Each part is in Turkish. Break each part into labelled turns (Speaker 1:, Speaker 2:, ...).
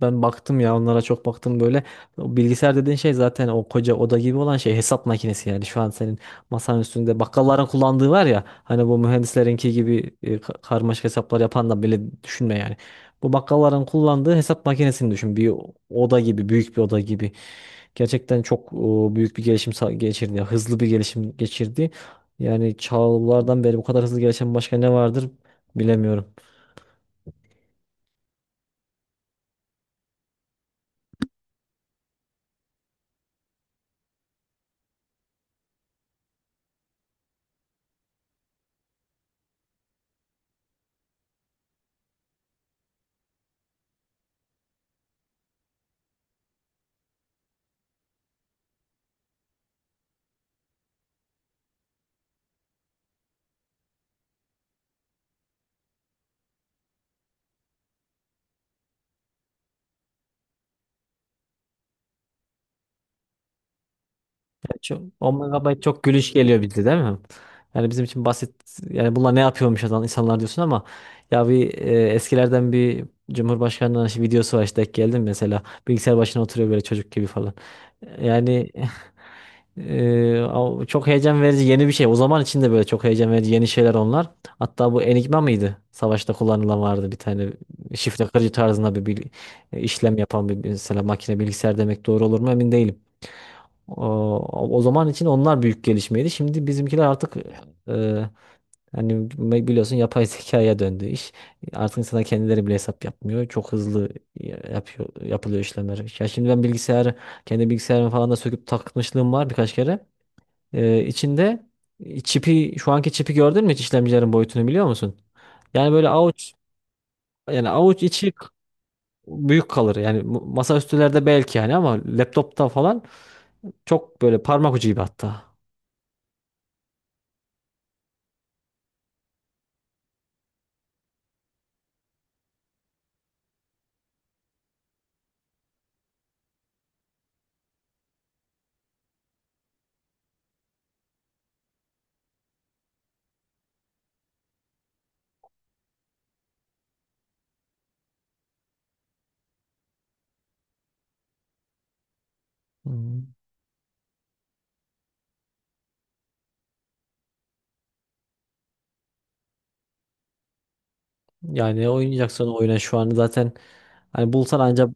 Speaker 1: Ben baktım ya onlara çok baktım böyle. O bilgisayar dediğin şey zaten o koca oda gibi olan şey hesap makinesi yani. Şu an senin masanın üstünde bakkalların kullandığı var ya hani bu mühendislerinki gibi karmaşık hesaplar yapan da bile düşünme yani. Bu bakkalların kullandığı hesap makinesini düşün. Bir oda gibi, büyük bir oda gibi. Gerçekten çok büyük bir gelişim geçirdi. Ya, hızlı bir gelişim geçirdi. Yani çağlardan beri bu kadar hızlı gelişen başka ne vardır bilemiyorum. 10 megabayt çok gülüş geliyor bize değil mi? Yani bizim için basit, yani bunlar ne yapıyormuş adam insanlar diyorsun ama ya bir eskilerden bir Cumhurbaşkanı'nın işte videosu var, işte denk geldim mesela, bilgisayar başına oturuyor böyle çocuk gibi falan. Yani o çok heyecan verici yeni bir şey. O zaman için de böyle çok heyecan verici yeni şeyler onlar. Hatta bu Enigma mıydı? Savaşta kullanılan vardı bir tane, şifre kırıcı tarzında bir işlem yapan bir mesela makine, bilgisayar demek doğru olur mu emin değilim. O zaman için onlar büyük gelişmeydi. Şimdi bizimkiler artık e, hani biliyorsun yapay zekaya döndü iş. Artık insanlar kendileri bile hesap yapmıyor. Çok hızlı yapıyor, yapılıyor işlemler. Ya şimdi ben bilgisayarı, kendi bilgisayarımı falan da söküp takmışlığım var birkaç kere. İçinde çipi, şu anki çipi gördün mü hiç, işlemcilerin boyutunu biliyor musun? Yani böyle avuç, yani avuç içi büyük kalır. Yani masaüstülerde belki yani, ama laptopta falan çok böyle parmak ucu gibi hatta. Hmm. Yani ne oynayacaksan oyuna şu an zaten hani bulsan ancak.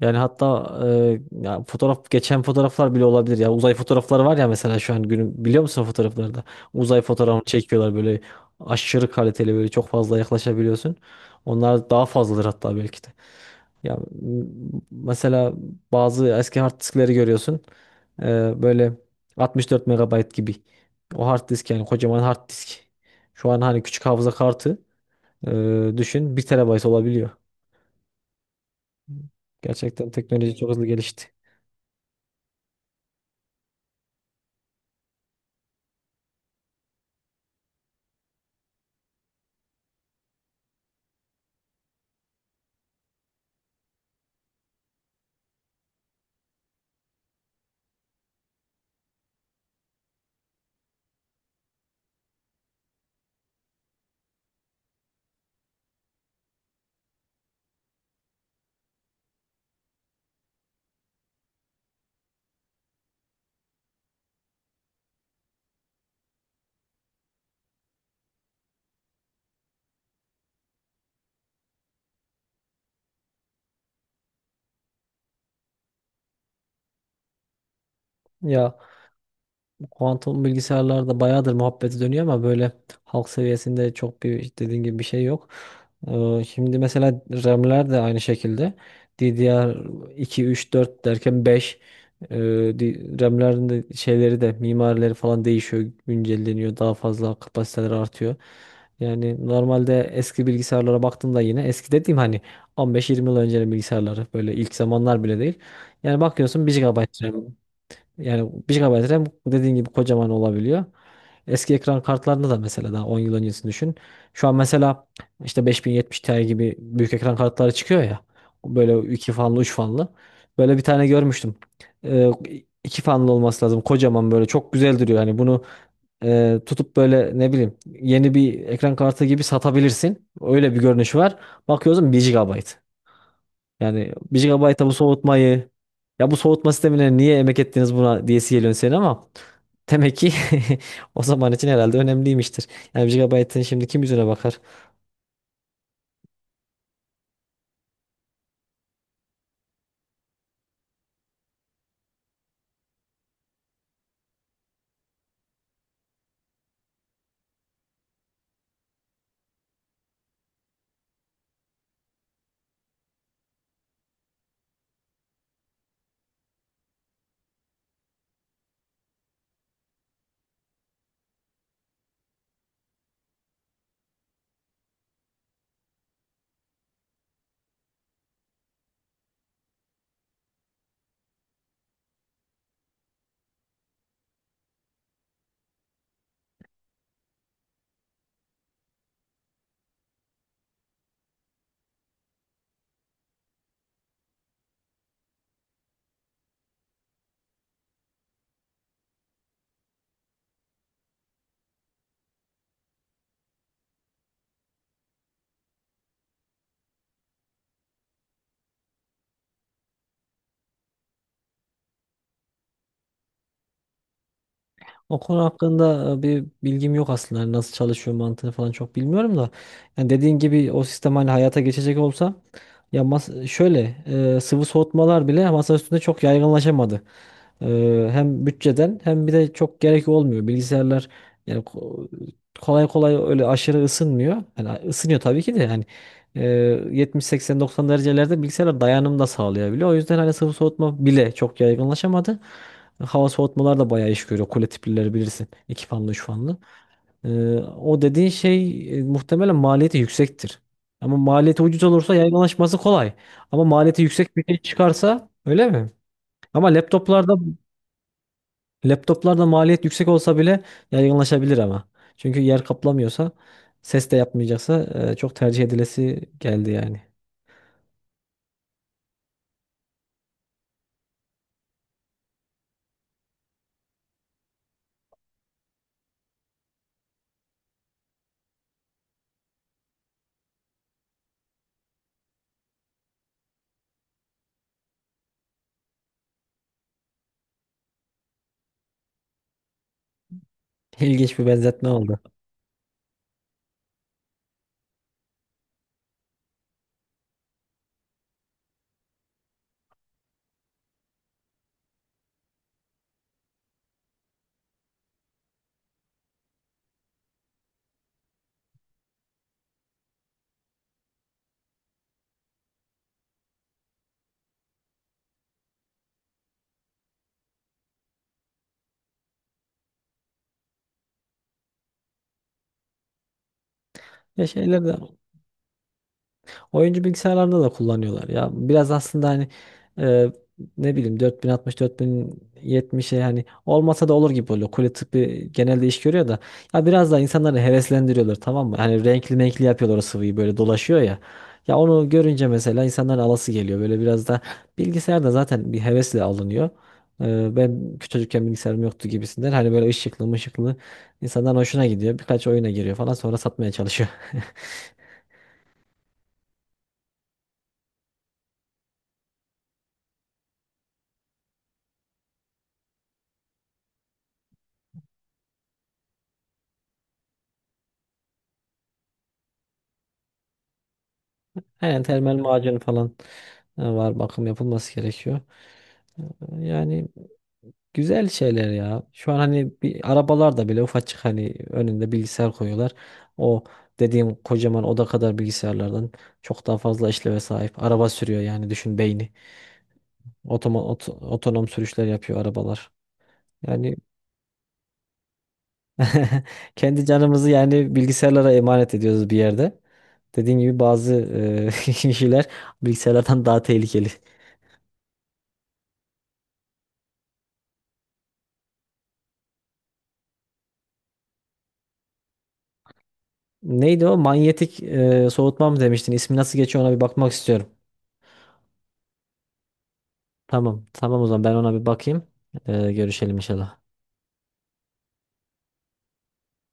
Speaker 1: Yani hatta ya fotoğraf, geçen fotoğraflar bile olabilir ya. Uzay fotoğrafları var ya mesela, şu an günün biliyor musun o fotoğraflarda? Uzay fotoğrafını çekiyorlar böyle, aşırı kaliteli böyle, çok fazla yaklaşabiliyorsun. Onlar daha fazladır hatta belki de. Ya mesela bazı eski hard diskleri görüyorsun. E, böyle 64 megabayt gibi. O hard disk yani, kocaman hard disk. Şu an hani küçük hafıza kartı düşün, bir terabayt olabiliyor. Gerçekten teknoloji çok hızlı gelişti. Ya, kuantum bilgisayarlarda bayağıdır muhabbeti dönüyor, ama böyle halk seviyesinde çok bir, dediğin gibi, bir şey yok. Şimdi mesela RAM'ler de aynı şekilde, DDR2, 3, 4 derken 5, e, RAM'lerin de şeyleri de, mimarileri falan değişiyor, güncelleniyor, daha fazla kapasiteler artıyor. Yani normalde eski bilgisayarlara baktığımda, yine eski dediğim hani 15 20 yıl öncenin bilgisayarları, böyle ilk zamanlar bile değil. Yani bakıyorsun 1 GB, yani bir GB RAM dediğin gibi kocaman olabiliyor. Eski ekran kartlarında da mesela daha 10 yıl öncesini düşün. Şu an mesela işte 5070 Ti gibi büyük ekran kartları çıkıyor ya. Böyle 2 fanlı, 3 fanlı. Böyle bir tane görmüştüm. Ee, 2 fanlı olması lazım. Kocaman, böyle çok güzel duruyor. Hani bunu tutup böyle ne bileyim, yeni bir ekran kartı gibi satabilirsin. Öyle bir görünüşü var. Bakıyorsun bir GB. Yani bir GB'a bu soğutmayı, ya bu soğutma sistemine niye emek ettiniz buna diyesi geliyor senin, ama demek ki o zaman için herhalde önemliymiştir. Yani 1 GB'ın şimdi kim yüzüne bakar? O konu hakkında bir bilgim yok aslında. Yani nasıl çalışıyor, mantığını falan çok bilmiyorum da. Yani dediğin gibi o sistem hani hayata geçecek olsa, ya şöyle sıvı soğutmalar bile masa üstünde çok yaygınlaşamadı. E, hem bütçeden, hem bir de çok gerek olmuyor. Bilgisayarlar yani kolay kolay öyle aşırı ısınmıyor. Yani ısınıyor tabii ki de yani, e, 70 80 90 derecelerde bilgisayarlar dayanım da sağlayabiliyor. O yüzden hani sıvı soğutma bile çok yaygınlaşamadı. Hava soğutmalar da bayağı iş görüyor. Kule tiplileri bilirsin. İki fanlı, üç fanlı. O dediğin şey muhtemelen maliyeti yüksektir. Ama maliyeti ucuz olursa yaygınlaşması kolay. Ama maliyeti yüksek bir şey çıkarsa öyle mi? Ama laptoplarda Laptoplarda maliyet yüksek olsa bile yaygınlaşabilir ama. Çünkü yer kaplamıyorsa, ses de yapmayacaksa çok tercih edilesi geldi yani. İlginç bir benzetme oldu. Ya şeyler de Oyuncu bilgisayarlarda da kullanıyorlar ya. Biraz aslında hani e, ne bileyim, 4060, 4070'e hani olmasa da olur gibi oluyor. Kule tıbbi genelde iş görüyor da, ya biraz daha insanları heveslendiriyorlar, tamam mı? Hani renkli renkli yapıyorlar o sıvıyı, böyle dolaşıyor ya. Ya onu görünce mesela insanların alası geliyor. Böyle biraz da bilgisayar da zaten bir hevesle alınıyor. Ben küçücükken bilgisayarım yoktu gibisinden. Hani böyle ışıklı ışıklı, insanların hoşuna gidiyor. Birkaç oyuna giriyor falan, sonra satmaya çalışıyor. Aynen, termal macun falan. Ha, var bakım yapılması gerekiyor. Yani güzel şeyler ya. Şu an hani bir arabalarda bile ufacık, hani önünde bilgisayar koyuyorlar. O dediğim kocaman oda kadar bilgisayarlardan çok daha fazla işleve sahip. Araba sürüyor, yani düşün, beyni. Otonom sürüşler yapıyor arabalar. Yani kendi canımızı yani bilgisayarlara emanet ediyoruz bir yerde. Dediğim gibi bazı e, kişiler bilgisayarlardan daha tehlikeli. Neydi o? Manyetik soğutma mı demiştin? İsmi nasıl geçiyor, ona bir bakmak istiyorum. Tamam. Tamam, o zaman ben ona bir bakayım. Görüşelim inşallah.